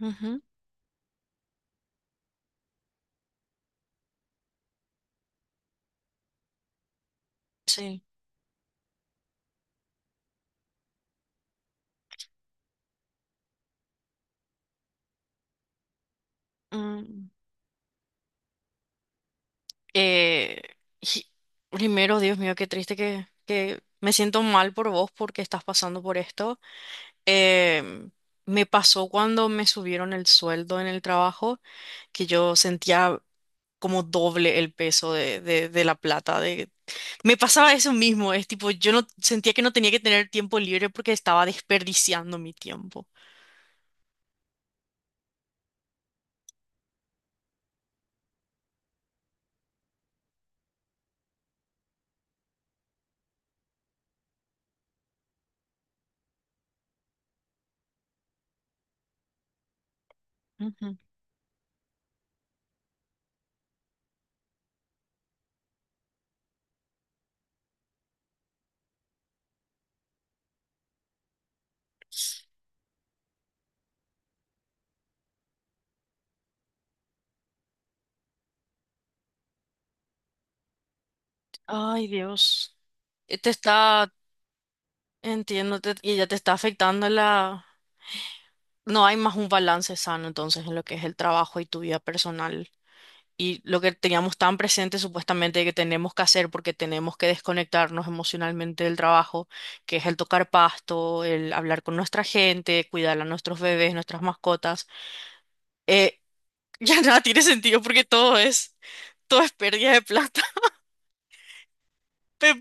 Ujú. Sí. Mm, eh, y- Primero, Dios mío, qué triste que me siento mal por vos porque estás pasando por esto. Em, Me pasó cuando me subieron el sueldo en el trabajo, que yo sentía como doble el peso de la plata. De... Me pasaba eso mismo, es tipo, yo no sentía que no tenía que tener tiempo libre porque estaba desperdiciando mi tiempo. Ujú. Ay, Dios. Te está, Entiendo, y ya te está afectando la... No hay más un balance sano entonces en lo que es el trabajo y tu vida personal. Y lo que teníamos tan presente supuestamente que tenemos que hacer porque tenemos que desconectarnos emocionalmente del trabajo, que es el tocar pasto, el hablar con nuestra gente, cuidar a nuestros bebés, nuestras mascotas, eh, ya nada tiene sentido porque todo es pérdida de plata. pe-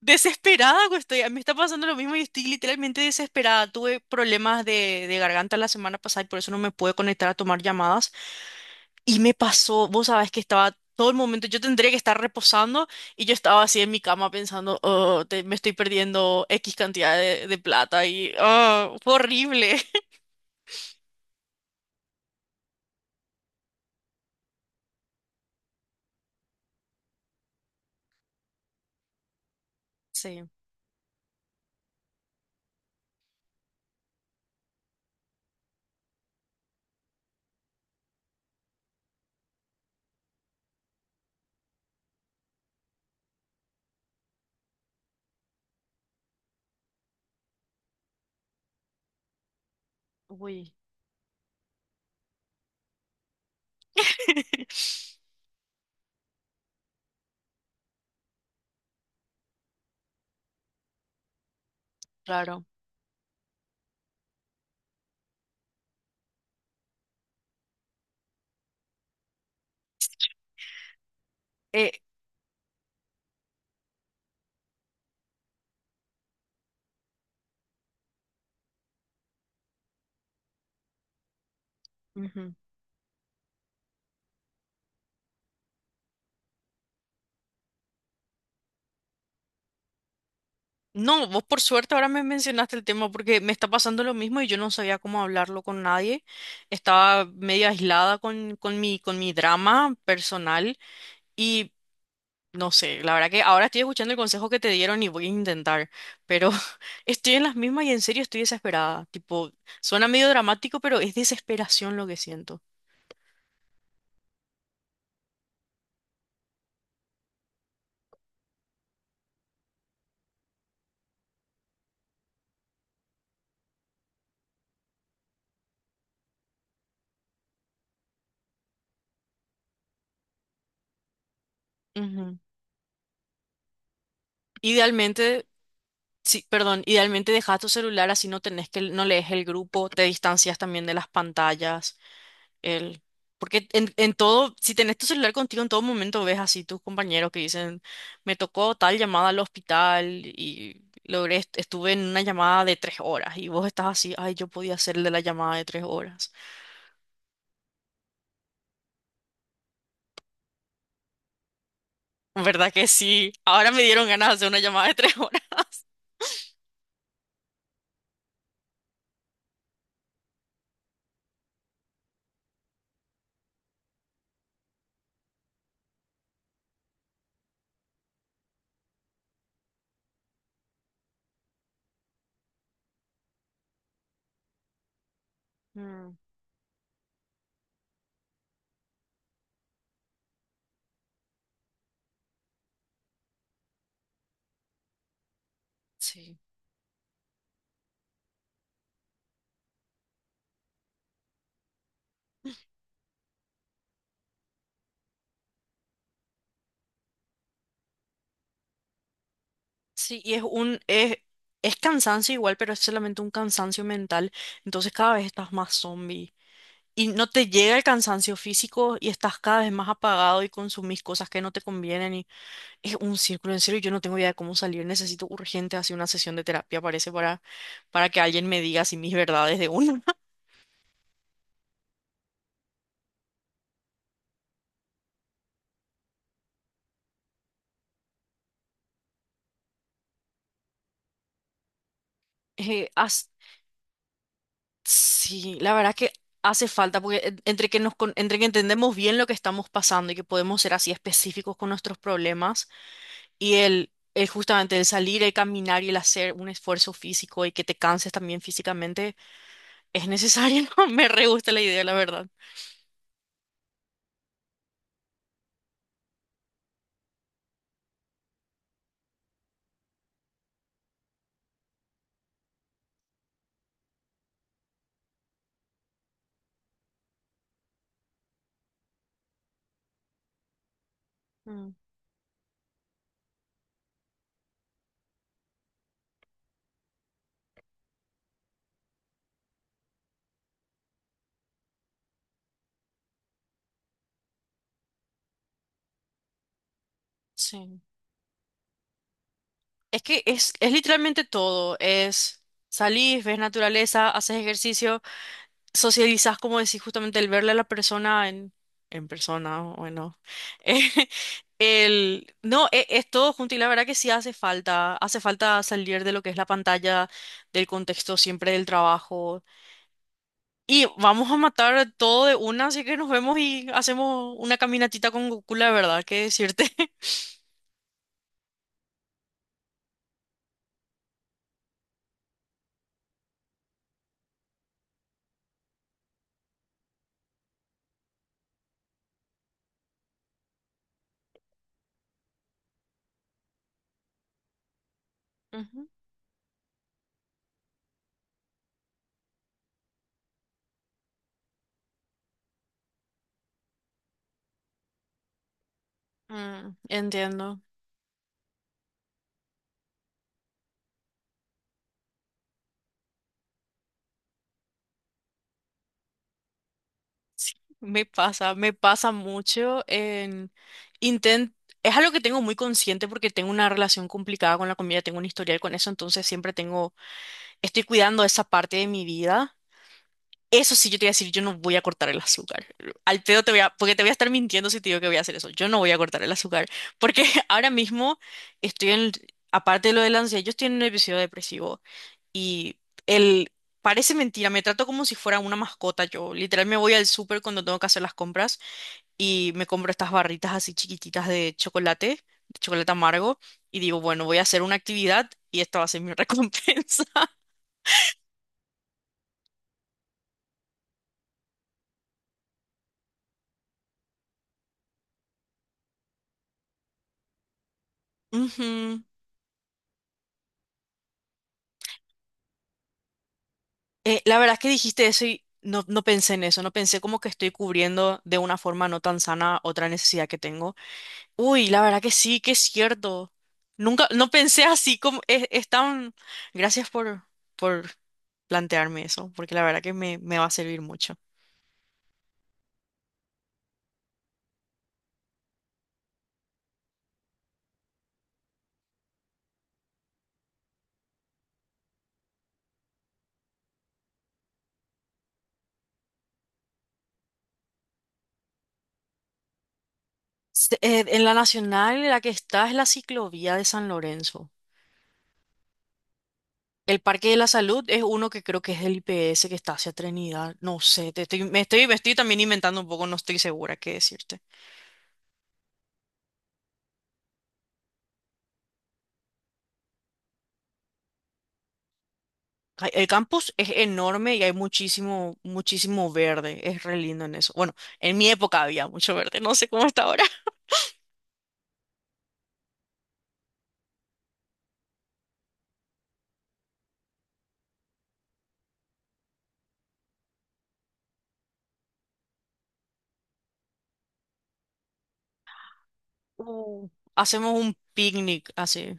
Desesperada que estoy. Me está pasando lo mismo y estoy literalmente desesperada. Tuve problemas de garganta la semana pasada y por eso no me pude conectar a tomar llamadas. Y me pasó, vos sabés que estaba todo el momento, yo tendría que estar reposando y yo estaba así en mi cama pensando, oh, me estoy perdiendo X cantidad de plata y oh, fue horrible. Sí, uy, claro. Eh, ujú. No, vos por suerte ahora me mencionaste el tema porque me está pasando lo mismo y yo no sabía cómo hablarlo con nadie. Estaba medio aislada con mi drama personal y no sé, la verdad que ahora estoy escuchando el consejo que te dieron y voy a intentar, pero estoy en las mismas y en serio estoy desesperada. Tipo, suena medio dramático, pero es desesperación lo que siento. Ujú. Idealmente, sí, perdón, idealmente dejas tu celular así no tenés que, no lees el grupo, te distancias también de las pantallas. El, en todo, si tenés tu celular contigo en todo momento, ves así tus compañeros que dicen, me tocó tal llamada al hospital y logré, estuve en una llamada de tres horas y vos estás así, ay, yo podía hacer el de la llamada de tres horas. ¿Verdad que sí? Ahora me dieron ganas de hacer una llamada de tres horas. Mm. Sí, sí, y es un, es, es cansancio igual, pero es solamente un cansancio mental. Entonces cada vez estás más zombie. Y no te llega el cansancio físico y estás cada vez más apagado y consumís cosas que no te convienen y es un círculo en serio, yo no tengo idea de cómo salir, necesito urgente así una sesión de terapia, parece, para que alguien me diga así mis verdades de una. Eh, as- sí, la verdad que hace falta, porque entre que entendemos bien lo que estamos pasando y que podemos ser así específicos con nuestros problemas y el justamente el salir, el caminar y el hacer un esfuerzo físico y que te canses también físicamente. Es necesario, me re gusta la idea, la verdad. Mm. Sí. Es es literalmente todo. Es salís, ves naturaleza, haces ejercicio, socializás, como decís, justamente el verle a la persona en persona, bueno. El, no, e- Es todo junto y la verdad que sí hace falta. Hace falta salir de lo que es la pantalla, del contexto siempre del trabajo. Y vamos a matar todo de una, así que nos vemos y hacemos una caminatita con Goku, la verdad, que decirte. Ujú. Mm, entiendo. Me pasa mucho en intent es algo que tengo muy consciente porque tengo una relación complicada con la comida, tengo un historial con eso, entonces siempre tengo, estoy cuidando esa parte de mi vida. Eso sí, yo te voy a decir, yo no voy a cortar el azúcar. Al pedo te voy a, porque te voy a estar mintiendo si te digo que voy a hacer eso. Yo no voy a cortar el azúcar, porque ahora mismo estoy en, aparte de lo de la ansiedad, yo estoy en un episodio depresivo y el, parece mentira, me trato como si fuera una mascota. Yo literal me voy al súper cuando tengo que hacer las compras y me compro estas barritas así chiquititas de chocolate amargo, y digo, bueno, voy a hacer una actividad y esta va a ser mi recompensa. Ujú. La verdad es que dijiste eso y no, no pensé en eso, no pensé como que estoy cubriendo de una forma no tan sana otra necesidad que tengo. Uy, la verdad que sí, que es cierto. Nunca, no pensé así como es tan... Gracias por plantearme eso, porque la verdad que me va a servir mucho. En la nacional, la que está es la ciclovía de San Lorenzo. El Parque de la Salud es uno que creo que es del IPS que está hacia Trinidad. No sé, te estoy, me estoy, me estoy también inventando un poco, no estoy segura qué decirte. Ay, el campus es enorme y hay muchísimo, muchísimo verde. Es re lindo en eso. Bueno, en mi época había mucho verde, no sé cómo está ahora. Uh. Hacemos un picnic así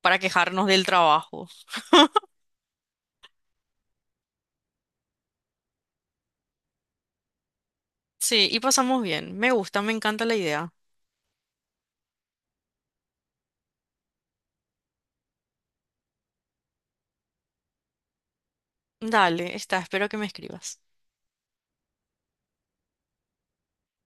para quejarnos del trabajo. Sí, y pasamos bien. Me gusta, me encanta la idea. Dale, está, espero que me escribas.